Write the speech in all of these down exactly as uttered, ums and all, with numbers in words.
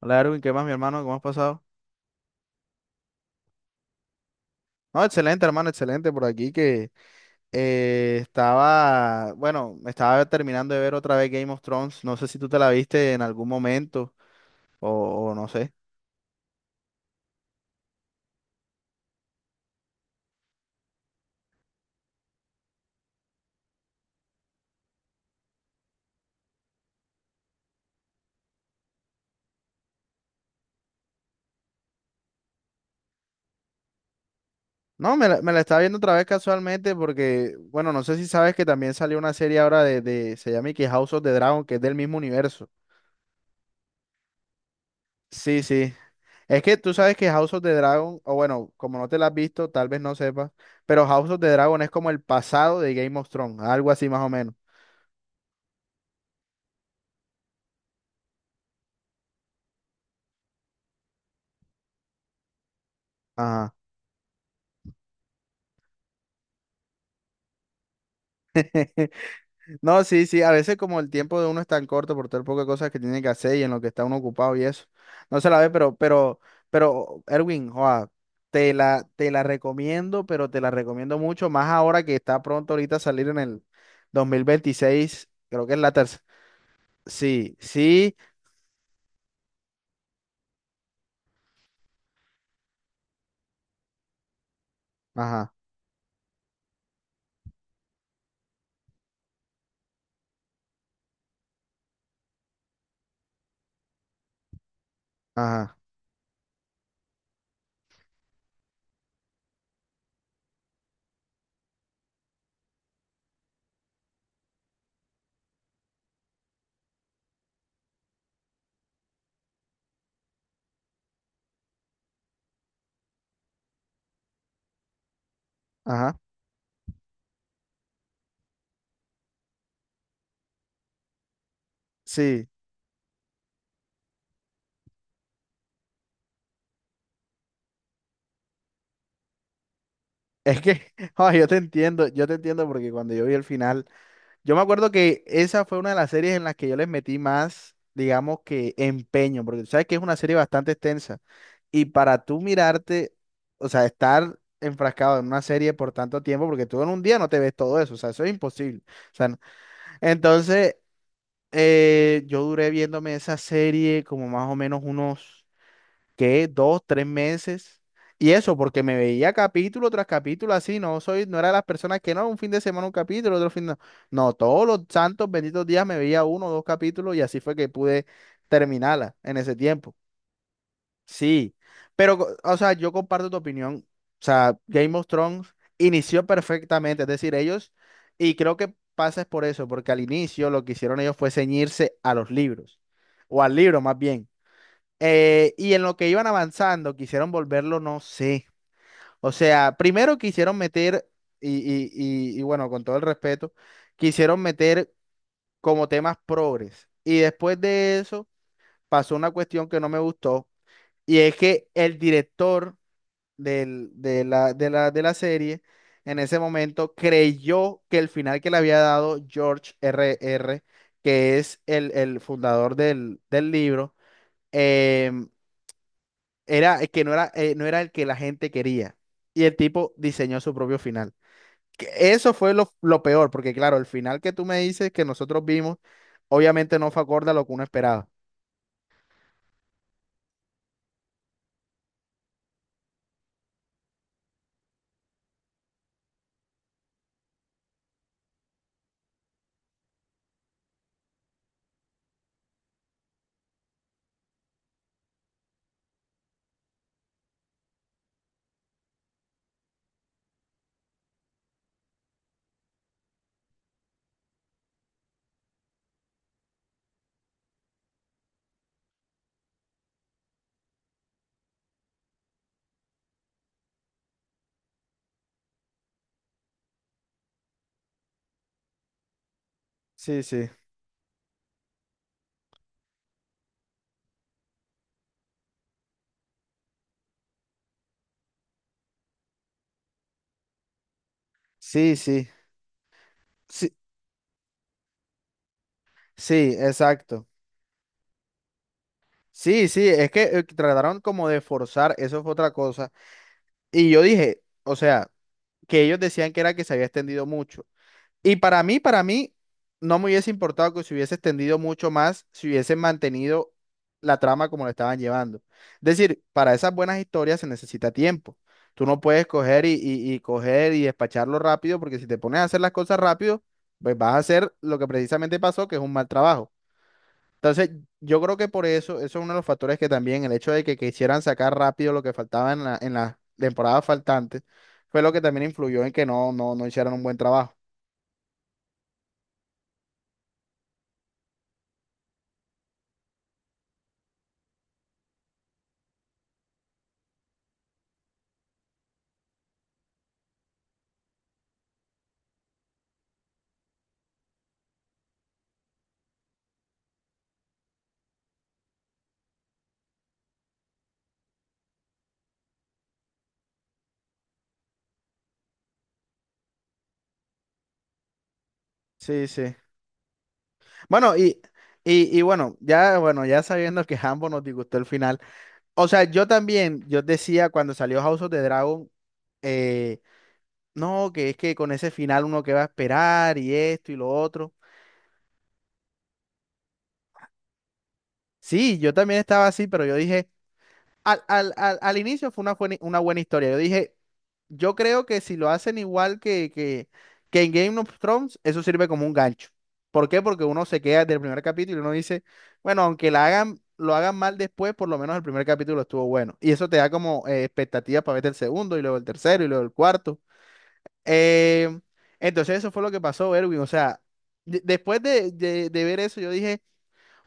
Hola Erwin, ¿qué más, mi hermano? ¿Cómo has pasado? No, excelente, hermano, excelente por aquí que eh, estaba, bueno, estaba terminando de ver otra vez Game of Thrones. No sé si tú te la viste en algún momento o, o no sé. No, me la, me la estaba viendo otra vez casualmente porque, bueno, no sé si sabes que también salió una serie ahora de, de se llama y que House of the Dragon, que es del mismo universo. Sí, sí. Es que tú sabes que House of the Dragon, o bueno, como no te la has visto, tal vez no sepas, pero House of the Dragon es como el pasado de Game of Thrones, algo así más o menos. Ajá. No, sí, sí, a veces como el tiempo de uno es tan corto por todo el poco de cosas que tiene que hacer y en lo que está uno ocupado y eso, no se la ve, pero, pero, pero, Erwin, joa, te la, te la recomiendo, pero te la recomiendo mucho, más ahora que está pronto ahorita a salir en el dos mil veintiséis creo que es la tercera, sí, sí, ajá, ajá, ajá, sí, es que, joa, yo te entiendo, yo te entiendo porque cuando yo vi el final. Yo me acuerdo que esa fue una de las series en las que yo les metí más, digamos que empeño, porque tú sabes que es una serie bastante extensa. Y para tú mirarte, o sea, estar enfrascado en una serie por tanto tiempo, porque tú en un día no te ves todo eso, o sea, eso es imposible. O sea, no- entonces, eh, yo duré viéndome esa serie como más o menos unos que dos, tres meses. Y eso, porque me veía capítulo tras capítulo así, no soy, no era de las personas que no, un fin de semana un capítulo, otro fin de... No, todos los santos benditos días me veía uno o dos capítulos y así fue que pude terminarla en ese tiempo. Sí, pero, co- o sea, yo comparto tu opinión. O sea, Game of Thrones inició perfectamente, es decir, ellos, y creo que pasa es por eso, porque al inicio lo que hicieron ellos fue ceñirse a los libros, o al libro más bien. Eh, y en lo que iban avanzando, quisieron volverlo, no sé. O sea, primero quisieron meter, y, y, y, y bueno, con todo el respeto, quisieron meter como temas progres. Y después de eso pasó una cuestión que no me gustó, y es que el director del- de la, de la, de la serie en ese momento creyó que el final que le había dado George R R, que es el, el fundador del, del libro, em, era el que no era, eh, no era el que la gente quería. Y el tipo diseñó su propio final. Que eso fue lo, lo peor, porque claro, el final que tú me dices que nosotros vimos, obviamente no fue acorde a lo que uno esperaba. Sí, sí, sí, sí, sí, sí, exacto. Sí, sí, es que eh, trataron como de forzar, eso fue otra cosa. Y yo dije, o sea, que ellos decían que era que se había extendido mucho. Y para mí, para mí, no me hubiese importado que se hubiese extendido mucho más si hubiesen mantenido la trama como la estaban llevando. Es decir, para esas buenas historias se necesita tiempo. Tú no puedes coger y, y- y coger y despacharlo rápido, porque si te pones a hacer las cosas rápido, pues vas a hacer lo que precisamente pasó, que es un mal trabajo. Entonces, yo creo que por eso, eso es uno de los factores que también el hecho de que quisieran sacar rápido lo que faltaba en la, en las temporadas faltantes, fue lo que también influyó en que no, no, no hicieran un buen trabajo. Sí, sí. Bueno, y, y, y bueno, ya, bueno, ya sabiendo que Hambo nos disgustó el final. O sea, yo también, yo decía cuando salió House of the Dragon, eh, no, que es que con ese final uno que va a esperar y esto y lo otro. Sí, yo también estaba así, pero yo dije. al, al, al, al inicio fue una, buena- una buena historia. Yo dije, yo creo que si lo hacen igual que, que, que en Game of Thrones, eso sirve como un gancho. ¿Por qué? Porque uno se queda del primer capítulo y uno dice, bueno, aunque la hagan, lo hagan mal después, por lo menos el primer capítulo estuvo bueno. Y eso te da como eh, expectativas para ver el segundo y luego el tercero y luego el cuarto. Eh, entonces eso fue lo que pasó, Erwin. O sea, de- después de, de de ver eso, yo dije...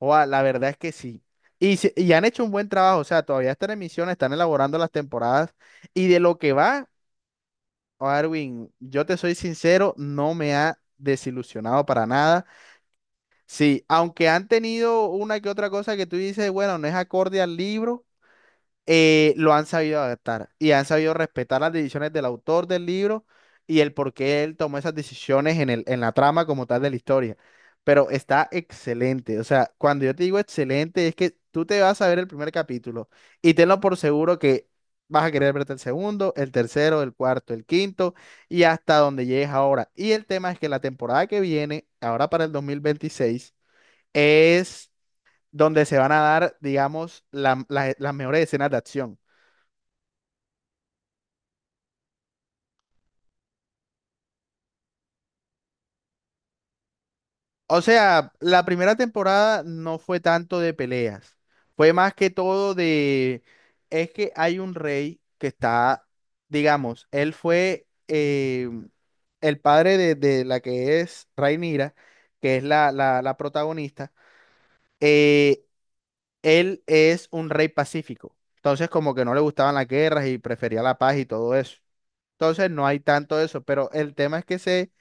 Oa, la verdad es que sí. Y, se- y han hecho un buen trabajo, o sea, todavía están en emisión, están elaborando las temporadas. Y de lo que va, Arwin, yo te soy sincero, no me ha desilusionado para nada. Sí, aunque han tenido una que otra cosa que tú dices, bueno, no es acorde al libro, eh, lo han sabido adaptar y han sabido respetar las decisiones del autor del libro y el por qué él tomó esas decisiones en el, en la trama como tal de la historia. Pero está excelente. O sea, cuando yo te digo excelente, es que tú te vas a ver el primer capítulo y tenlo por seguro que vas a querer verte el segundo, el tercero, el cuarto, el quinto y hasta donde llegues ahora. Y el tema es que la temporada que viene, ahora para el dos mil veintiséis, es donde se van a dar, digamos, la- la- las mejores escenas de acción. O sea, la primera temporada no fue tanto de peleas, fue más que todo de, es que hay un rey que está, digamos, él fue eh, el padre de, de la que es Rhaenyra, que es la, la, la protagonista, eh, él es un rey pacífico, entonces como que no le gustaban las guerras y prefería la paz y todo eso. Entonces no hay tanto eso, pero el tema es que se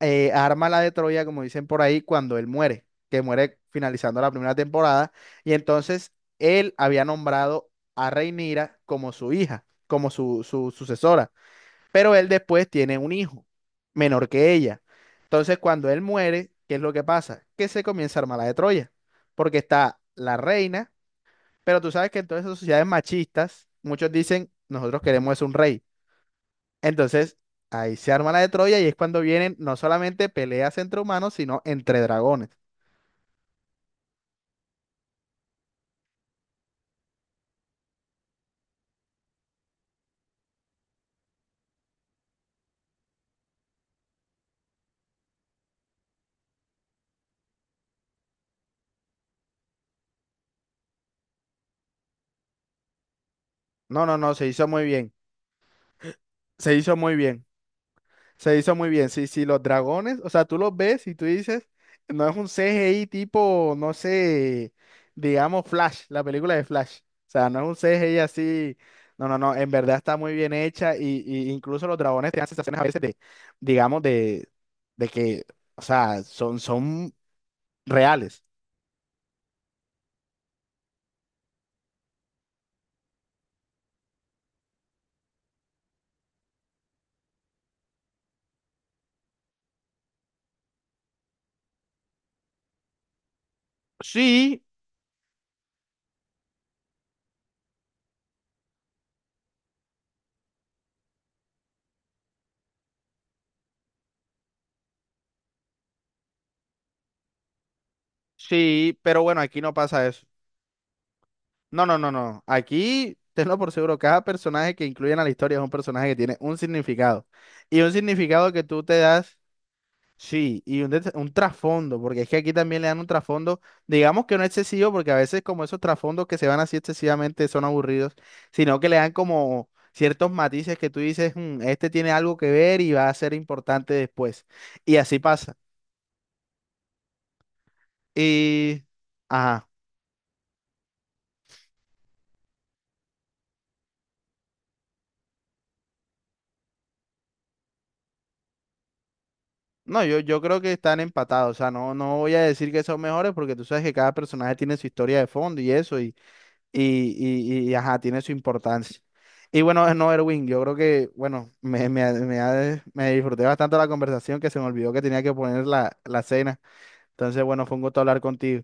eh, arma la de Troya, como dicen por ahí, cuando él muere, que muere finalizando la primera temporada. Y entonces él había nombrado a Rhaenyra como su hija, como su, su sucesora. Pero él después tiene un hijo menor que ella. Entonces, cuando él muere, ¿qué es lo que pasa? Que se comienza a armar la de Troya, porque está la reina, pero tú sabes que en todas esas sociedades machistas, muchos dicen, nosotros queremos es un rey. Entonces, ahí se arma la de Troya y es cuando vienen no solamente peleas entre humanos, sino entre dragones. No, no, no, se hizo muy bien. Se hizo muy bien. Se hizo muy bien. Sí, sí, los dragones, o sea, tú los ves y tú dices, no es un C G I tipo, no sé, digamos Flash, la película de Flash. O sea, no es un C G I así. No, no, no, en verdad está muy bien hecha y, y incluso los dragones te dan sensaciones a veces de, digamos, de, de que, o sea, son, son reales. Sí, sí, pero bueno, aquí no pasa eso. No, no, no, no. Aquí, tenlo por seguro, cada personaje que incluyen a la historia es un personaje que tiene un significado. Y un significado que tú te das, sí, y un, det- un trasfondo, porque es que aquí también le dan un trasfondo, digamos que no excesivo, porque a veces como esos trasfondos que se van así excesivamente son aburridos, sino que le dan como ciertos matices que tú dices, "Mm, este tiene algo que ver y va a ser importante después. Y así pasa. Y... Ajá. No, yo, yo creo que están empatados. O sea, no, no voy a decir que son mejores porque tú sabes que cada personaje tiene su historia de fondo y eso, y, y, y, y, ajá, tiene su importancia. Y bueno, no, Erwin, yo creo que, bueno, me, me, me ha- me disfruté bastante la conversación que se me olvidó que tenía que poner la, la cena. Entonces, bueno, fue un gusto hablar contigo.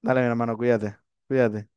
Dale, mi hermano, cuídate, cuídate.